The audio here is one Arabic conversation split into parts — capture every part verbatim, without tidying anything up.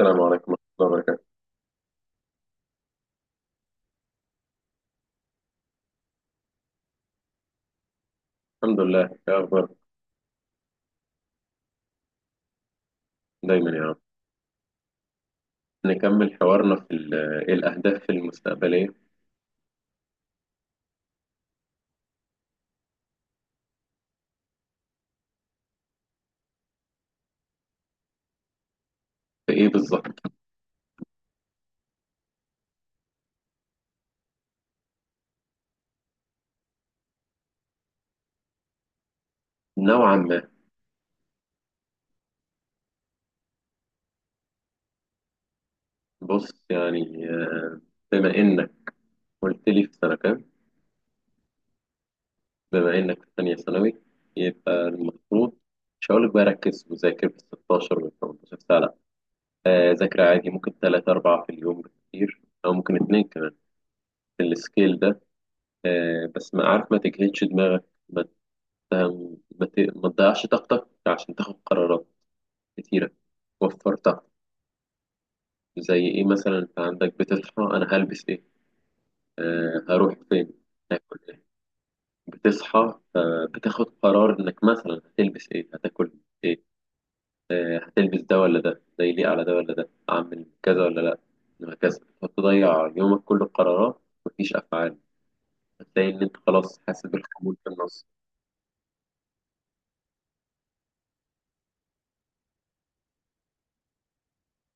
السلام عليكم ورحمة الله وبركاته. الحمد لله. إيه أخبارك؟ دايما يا عم. نكمل حوارنا في ال- إيه الأهداف المستقبلية. في إيه بالظبط؟ نوعا ما. بص يعني آه، بما إنك قلت لي في سنة كام؟ بما إنك في ثانية ثانوي يبقى المفروض مش هقولك بقى ركز وذاكر بال ستاشر وال تمنتاشر ساعة، لأ. آه، ذاكر عادي، ممكن تلاتة أربعة في اليوم بالكتير، أو ممكن اتنين كمان في السكيل ده. آه، بس ما عارف، ما تجهدش دماغك. ف- ما ت- ما تضيعش طاقتك عشان تاخد قرارات كتيرة. وفر طاقة. زي إيه؟ مثلا أنت عندك بتصحى، أنا هلبس إيه، آه هروح فين، هاكل إيه. بتصحى، آه بتاخد قرار إنك مثلا هتلبس إيه، هتاكل إيه، آه هتلبس ده ولا ده، ده يليق على ده ولا ده، أعمل كذا ولا لأ، وهكذا. هتضيع يومك كله قرارات مفيش أفعال. هتلاقي إن أنت خلاص حاسس بالخمول في النص.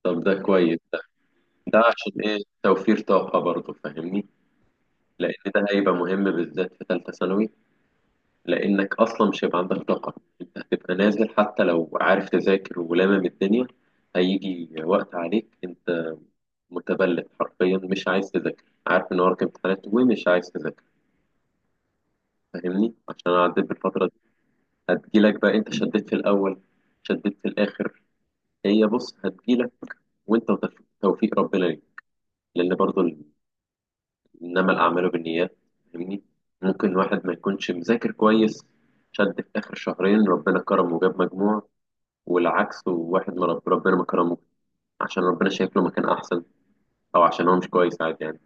طب ده كويس ده. ده عشان إيه؟ توفير طاقة برضه، فاهمني؟ لان ده هيبقى مهم بالذات في ثالثه ثانوي، لانك اصلا مش هيبقى عندك طاقه. انت هتبقى نازل حتى لو عارف تذاكر ولامم الدنيا. هيجي وقت عليك انت متبلد حرفيا، مش عايز تذاكر، عارف ان وراك امتحانات ومش عايز تذاكر. فاهمني؟ عشان اعدي بالفتره دي. هتجيلك بقى، انت شديت في الاول شديت في الاخر. هي بص هتجيلك، وانت وتف- توفيق ربنا ليك. لان برضو إنما الأعمال بالنيات، فاهمني. ممكن واحد ما يكونش مذاكر كويس، شد في آخر شهرين، ربنا كرمه وجاب مجموع. والعكس، وواحد ما رب- ربنا ما كرمه، عشان ربنا شايف له مكان أحسن، أو عشان هو مش كويس، عادي يعني.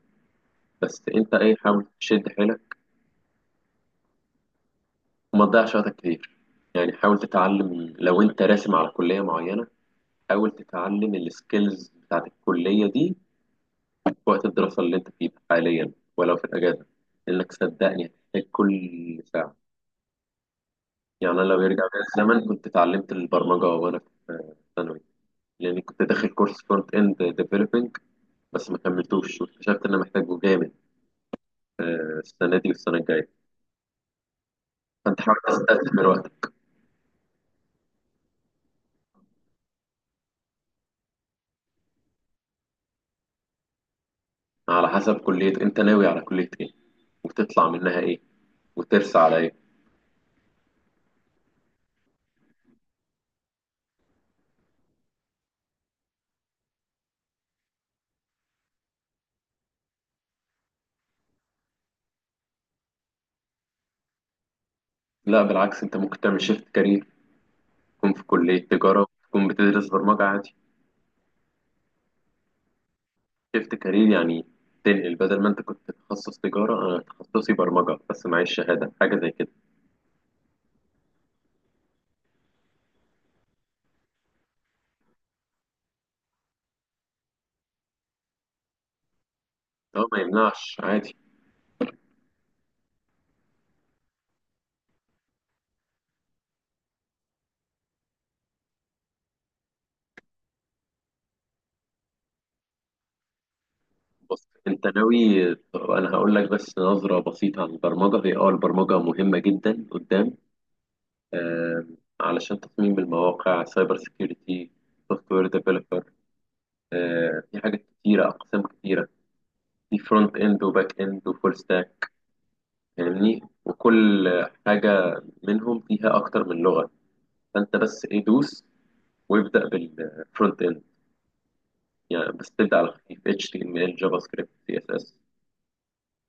بس أنت إيه، حاول تشد حيلك وما تضيعش وقتك كتير. يعني حاول تتعلم، لو أنت راسم على كلية معينة حاول تتعلم السكيلز بتاعت الكلية دي في وقت الدراسة اللي أنت فيه حاليا، ولو في الأجازة، لأنك صدقني هتحتاج كل ساعة. يعني أنا لو يرجع بيا الزمن كنت اتعلمت البرمجة وأنا في ثانوي، لأني كنت داخل كورس فرونت إند ديفلوبينج بس ما كملتوش، واكتشفت إن أنا محتاجه جامد السنة دي والسنة الجاية. فأنت حاول تستثمر وقتك. على حسب كلية، أنت ناوي على كلية إيه، وتطلع منها إيه، وترسى على إيه. لا بالعكس، أنت ممكن تعمل شيفت كارير، تكون في كلية تجارة وتكون بتدرس برمجة عادي. شيفت كارير يعني تنقل، بدل ما أنت كنت تخصص تجارة، أنا تخصصي برمجة بس معيش شهادة حاجة زي كده. اه ما يمنعش، عادي. بص انت ناوي، انا هقول لك بس نظرة بسيطة عن البرمجة. هي اه البرمجة مهمة جدا قدام، آم، علشان تصميم المواقع، سايبر سيكيورتي، سوفت وير ديفلوبر. في حاجات كتيرة، اقسام كتيرة. في فرونت اند وباك اند وفول ستاك، فاهمني؟ وكل حاجة منهم فيها اكتر من لغة. فانت بس ايه، دوس وابدأ بالفرونت اند. يعني بس تبدأ على خفيف إتش تي إم إل جافا سكريبت سي إس إس،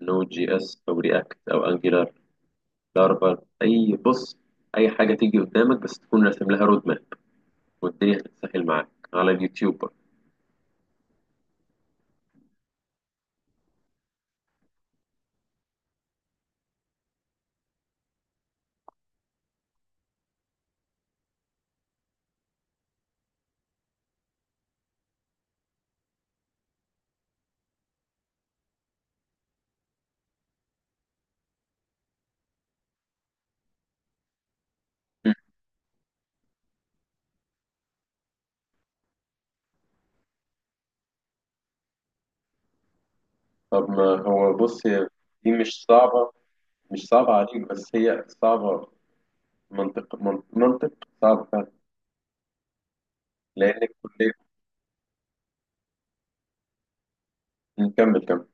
نود جي اس او رياكت او انجلر. الأربعة أي، بص أي حاجة تيجي قدامك بس تكون راسم لها رود ماب، والدنيا هتتسهل معاك على اليوتيوب برضه. مم. طب ما هو بص هي دي مش صعبة، مش صعبة عليك، بس هي صعبة. منطق، من- منطق صعب فعلا. لأنك كلية، نكمل كمل.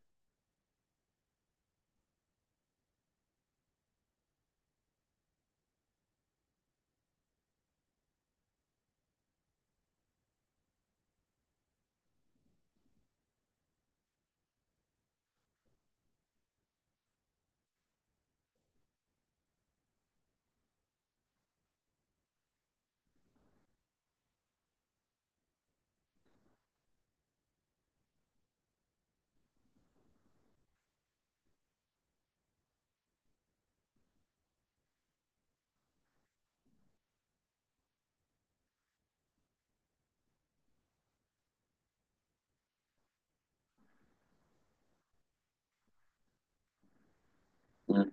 مم.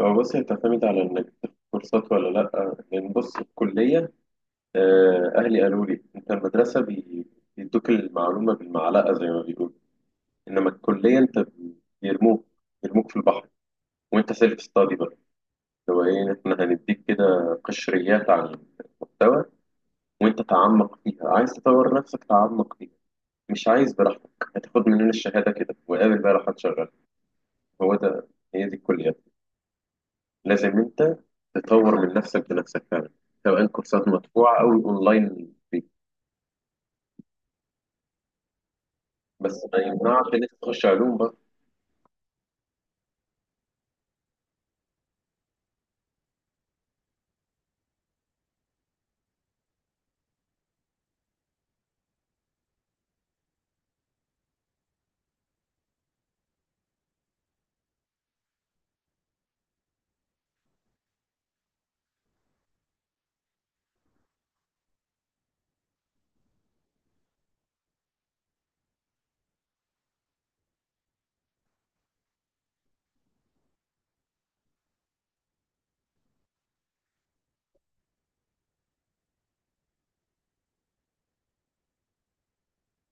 هو بص هي بتعتمد على إنك تاخد كورسات ولا لأ. لأن بص الكلية، آه، أهلي قالوا لي أنت المدرسة بي- بيدوك المعلومة بالمعلقة زي ما بيقولوا. إنما الكلية أنت بيرموك، يرموك في البحر، وانت سيلف ستادي بقى. هو ايه، احنا هنديك كده قشريات عن المحتوى، وانت تعمق فيها. عايز تطور نفسك، تعمق فيها. مش عايز، براحتك، هتاخد مننا الشهادة كده وقابل بقى راح تشغل. هو ده، هي دي الكلية. لازم انت تطور من نفسك بنفسك فعلا، سواء كورسات مدفوعة او اونلاين فري. بس ما يمنعش ان انت تخش علوم بقى.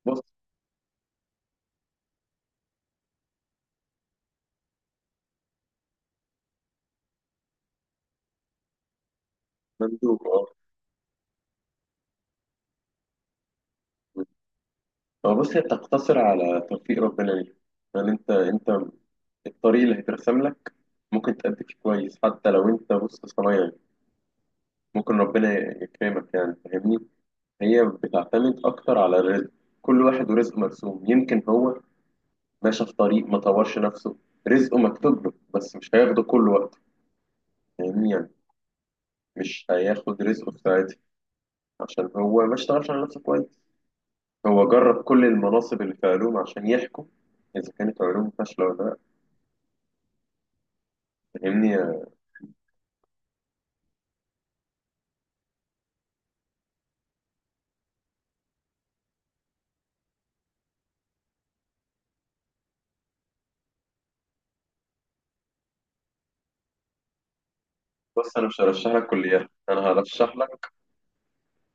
بص، مندوب اه. هو بص هي بتقتصر على توفيق ربنا ليك. يعني انت انت الطريق اللي هيترسم لك ممكن تأدي فيه كويس، حتى لو انت بص صنايعي يعني، ممكن ربنا يكرمك، يعني فاهمني. هي بتعتمد اكتر على الرزق. كل واحد ورزقه مرسوم. يمكن هو ماشي في طريق ما طورش نفسه، رزقه مكتوب له بس مش هياخده كل وقت. فاهمني يعني؟ مش هياخد رزقه في ساعتها عشان هو ما اشتغلش على نفسه كويس. هو جرب كل المناصب اللي في علوم عشان يحكم اذا كانت علوم فاشله ولا لا؟ فاهمني. بص انا مش هرشح لك كليات، انا هرشح لك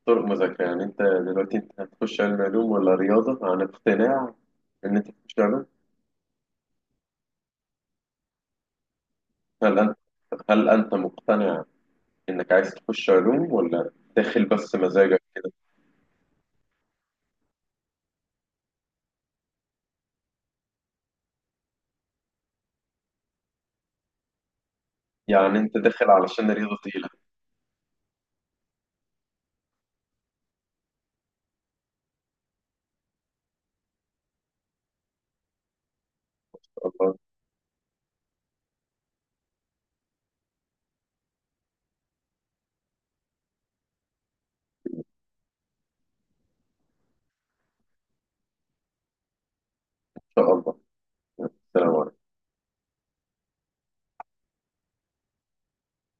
طرق مذاكره. يعني انت دلوقتي انت هتخش علم علوم ولا رياضه عن اقتناع ان انت تخش علوم؟ هل انت، هل انت مقتنع انك عايز تخش علوم، ولا داخل بس مزاجك كده؟ يعني انت داخل علشان رياضه تقيله؟ الله. ان شاء الله. السلام عليكم.